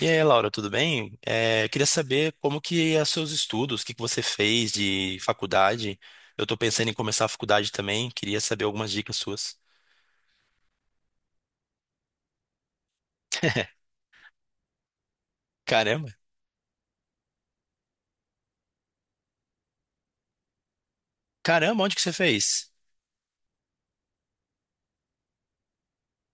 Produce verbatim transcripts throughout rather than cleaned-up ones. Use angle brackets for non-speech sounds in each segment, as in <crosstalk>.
E aí, Laura, tudo bem? Eh, queria saber como que é os seus estudos, o que que você fez de faculdade. Eu estou pensando em começar a faculdade também, queria saber algumas dicas suas. <laughs> Caramba! Caramba, onde que você fez?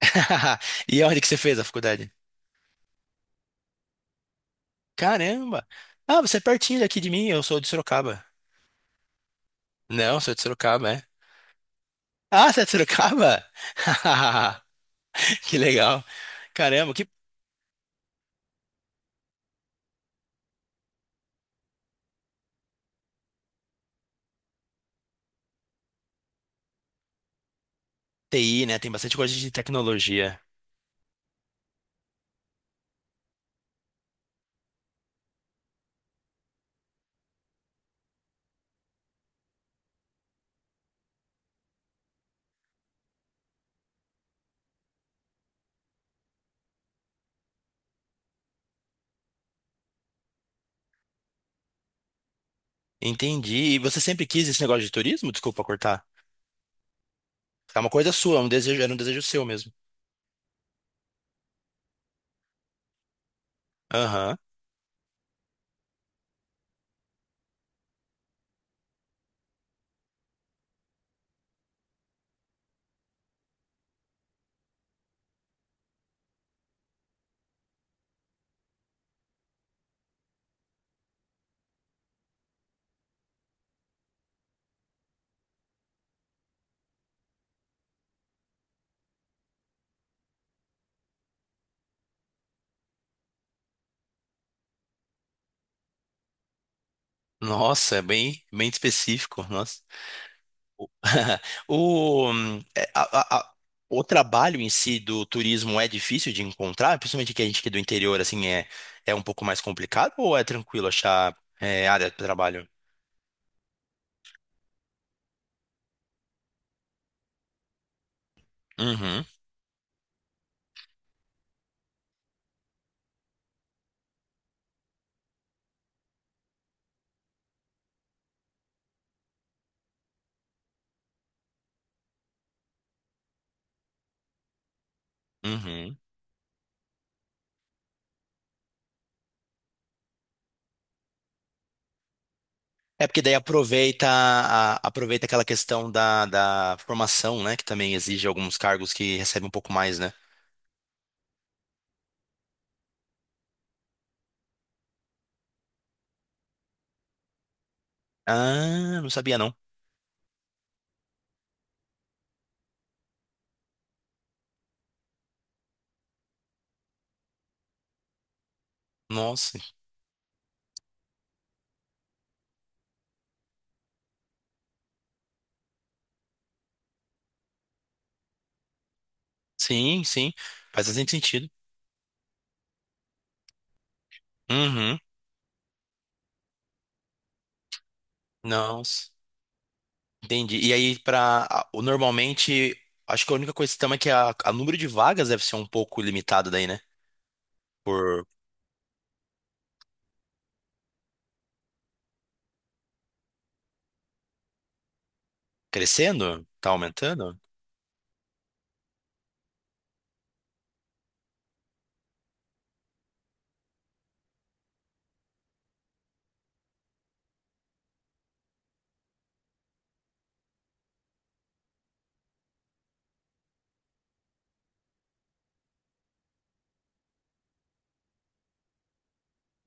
<laughs> E onde que você fez a faculdade? Caramba! Ah, você é pertinho daqui de mim, eu sou de Sorocaba. Não, sou de Sorocaba, é. Ah, você é de Sorocaba? <laughs> Que legal. Caramba, que T I, né? Tem bastante coisa de tecnologia. Entendi. E você sempre quis esse negócio de turismo? Desculpa cortar. É uma coisa sua, é um desejo, era um desejo seu mesmo. Aham. Nossa, é bem, bem específico. Nossa. <laughs> O, hum, é, a- a- a- o trabalho em si do turismo é difícil de encontrar, principalmente que a gente que é do interior, assim, é, é um pouco mais complicado ou é tranquilo achar é, área de trabalho? Uhum, uhum. É porque daí aproveita, a- aproveita aquela questão da, da formação, né? Que também exige alguns cargos que recebem um pouco mais, né? Ah, não sabia não. Nossa, sim, sim. Faz bastante sentido. Uhum. Nossa. Entendi. E aí, para normalmente, acho que a única questão é que a, a número de vagas deve ser um pouco limitado daí, né? Por Crescendo, tá aumentando?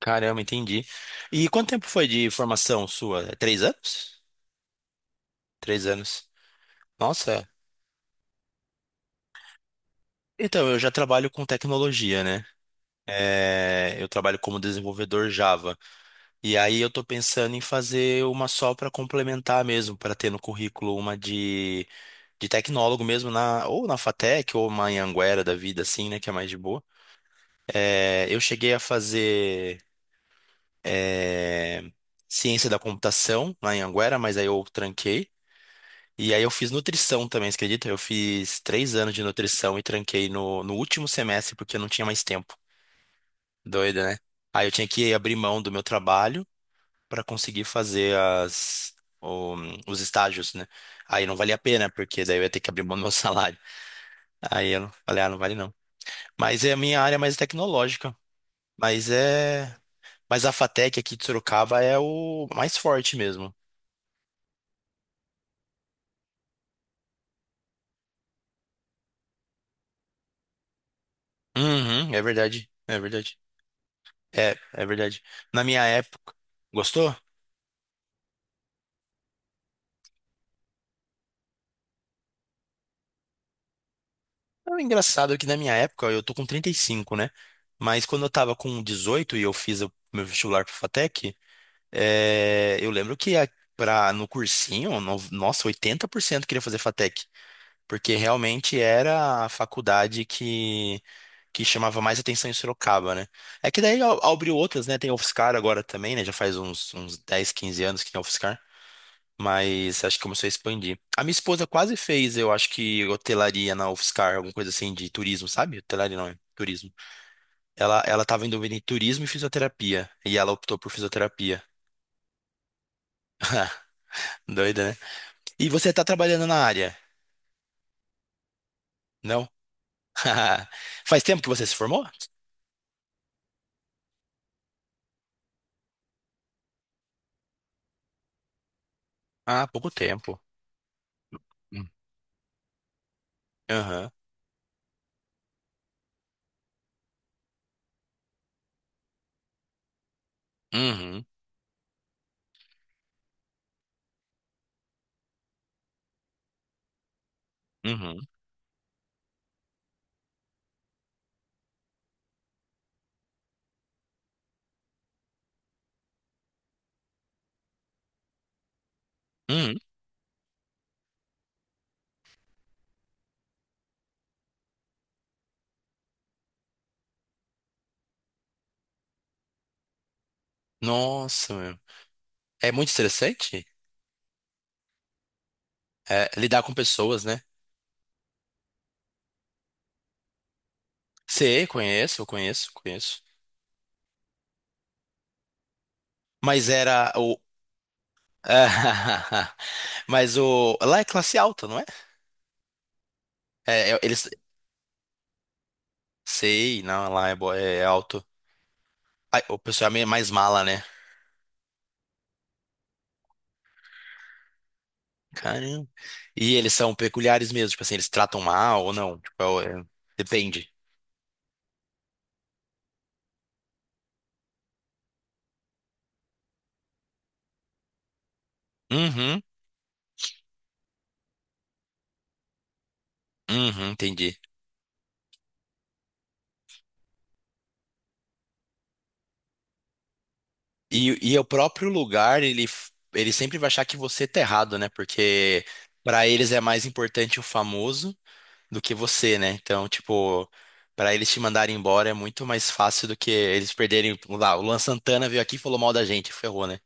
Caramba, entendi. E quanto tempo foi de formação sua? É três anos? Três anos. Nossa. Então, eu já trabalho com tecnologia, né? É, eu trabalho como desenvolvedor Java. E aí eu tô pensando em fazer uma só para complementar mesmo, para ter no currículo uma de, de tecnólogo mesmo na ou na FATEC ou uma Anhanguera da vida assim, né, que é mais de boa. É, eu cheguei a fazer é, ciência da computação na Anhanguera, mas aí eu tranquei. E aí eu fiz nutrição também, você acredita? Eu fiz três anos de nutrição e tranquei no, no último semestre porque eu não tinha mais tempo. Doida, né? Aí eu tinha que abrir mão do meu trabalho para conseguir fazer as, o- os estágios, né? Aí não valia a pena, porque daí eu ia ter que abrir mão do meu <laughs> salário. Aí eu não- falei, ah, não vale não. Mas é a minha área mais tecnológica. Mas é. Mas a FATEC aqui de Sorocaba é o mais forte mesmo. Uhum, é verdade. É verdade. É, é verdade. Na minha época. Gostou? É engraçado é que na minha época eu tô com trinta e cinco, né? Mas quando eu tava com dezoito e eu fiz o meu vestibular pro FATEC. É, eu lembro que a, pra, no cursinho, no- nossa, oitenta por cento queria fazer FATEC, porque realmente era a faculdade que, que chamava mais atenção em Sorocaba, né? É que daí ab- abriu outras, né? Tem a UFSCar agora também, né? Já faz uns, uns, dez, quinze anos que tem a UFSCar, mas acho que começou a expandir. A minha esposa quase fez, eu acho que hotelaria na UFSCar, alguma coisa assim de turismo, sabe? Hotelaria não é. Turismo. Ela, ela tava em dúvida em turismo e fisioterapia. E ela optou por fisioterapia. <laughs> Doida, né? E você está trabalhando na área? Não? <laughs> Faz tempo que você se formou? Ah, pouco tempo. Hum. Aham. Uhum. Uhum. Uhum. Nossa, meu. É muito interessante, é, lidar com pessoas, né? Sei, conheço, conheço, conheço. Mas era o. <laughs> Mas o. Lá é classe alta, não é? É, é, eles. Sei, não, lá é, bo- é alto. Ai, o pessoal é meio mais mala, né? Caramba. E eles são peculiares mesmo, tipo assim, eles tratam mal ou não? Tipo, é- o- é- depende. Uhum, uhum, entendi. E, e o próprio lugar, ele, f- ele sempre vai achar que você tá errado, né? Porque pra eles é mais importante o famoso do que você, né? Então, tipo, pra eles te mandarem embora é muito mais fácil do que eles perderem. Vamos lá, o Luan Santana veio aqui e falou mal da gente, ferrou, né?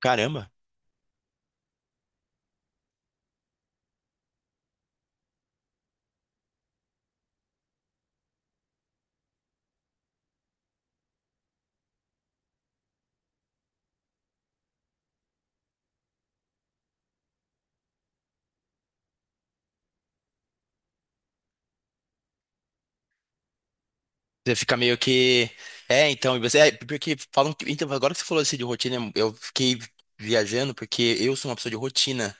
Caramba. Você fica meio que. É, então, e você. É, porque falam que. Então, agora que você falou assim de rotina, eu fiquei viajando porque eu sou uma pessoa de rotina.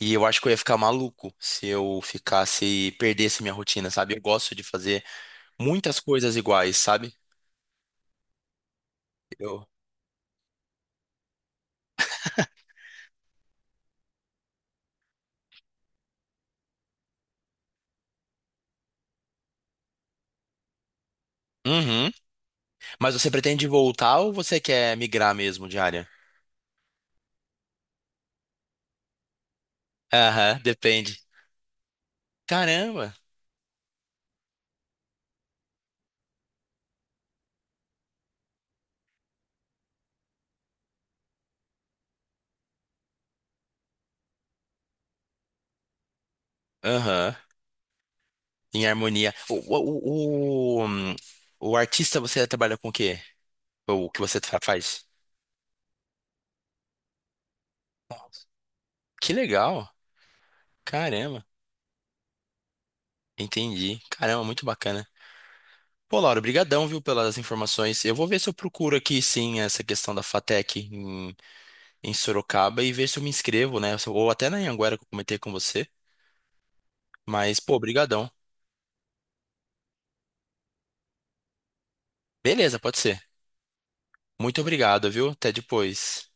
E eu acho que eu ia ficar maluco se eu ficasse, perdesse minha rotina, sabe? Eu gosto de fazer muitas coisas iguais, sabe? Eu... Uhum. Mas você pretende voltar ou você quer migrar mesmo de área? Aham, depende. Caramba. Aham, em harmonia. O, o, o, o, hum, o artista, você trabalha com o quê? O que você fa- faz? Que legal. Caramba. Entendi. Caramba, muito bacana. Pô, Laura, brigadão, viu, pelas informações. Eu vou ver se eu procuro aqui, sim, essa questão da FATEC em, em, Sorocaba e ver se eu me inscrevo, né? Ou até na Anhanguera que eu comentei com você. Mas, pô, brigadão. Beleza, pode ser. Muito obrigado, viu? Até depois.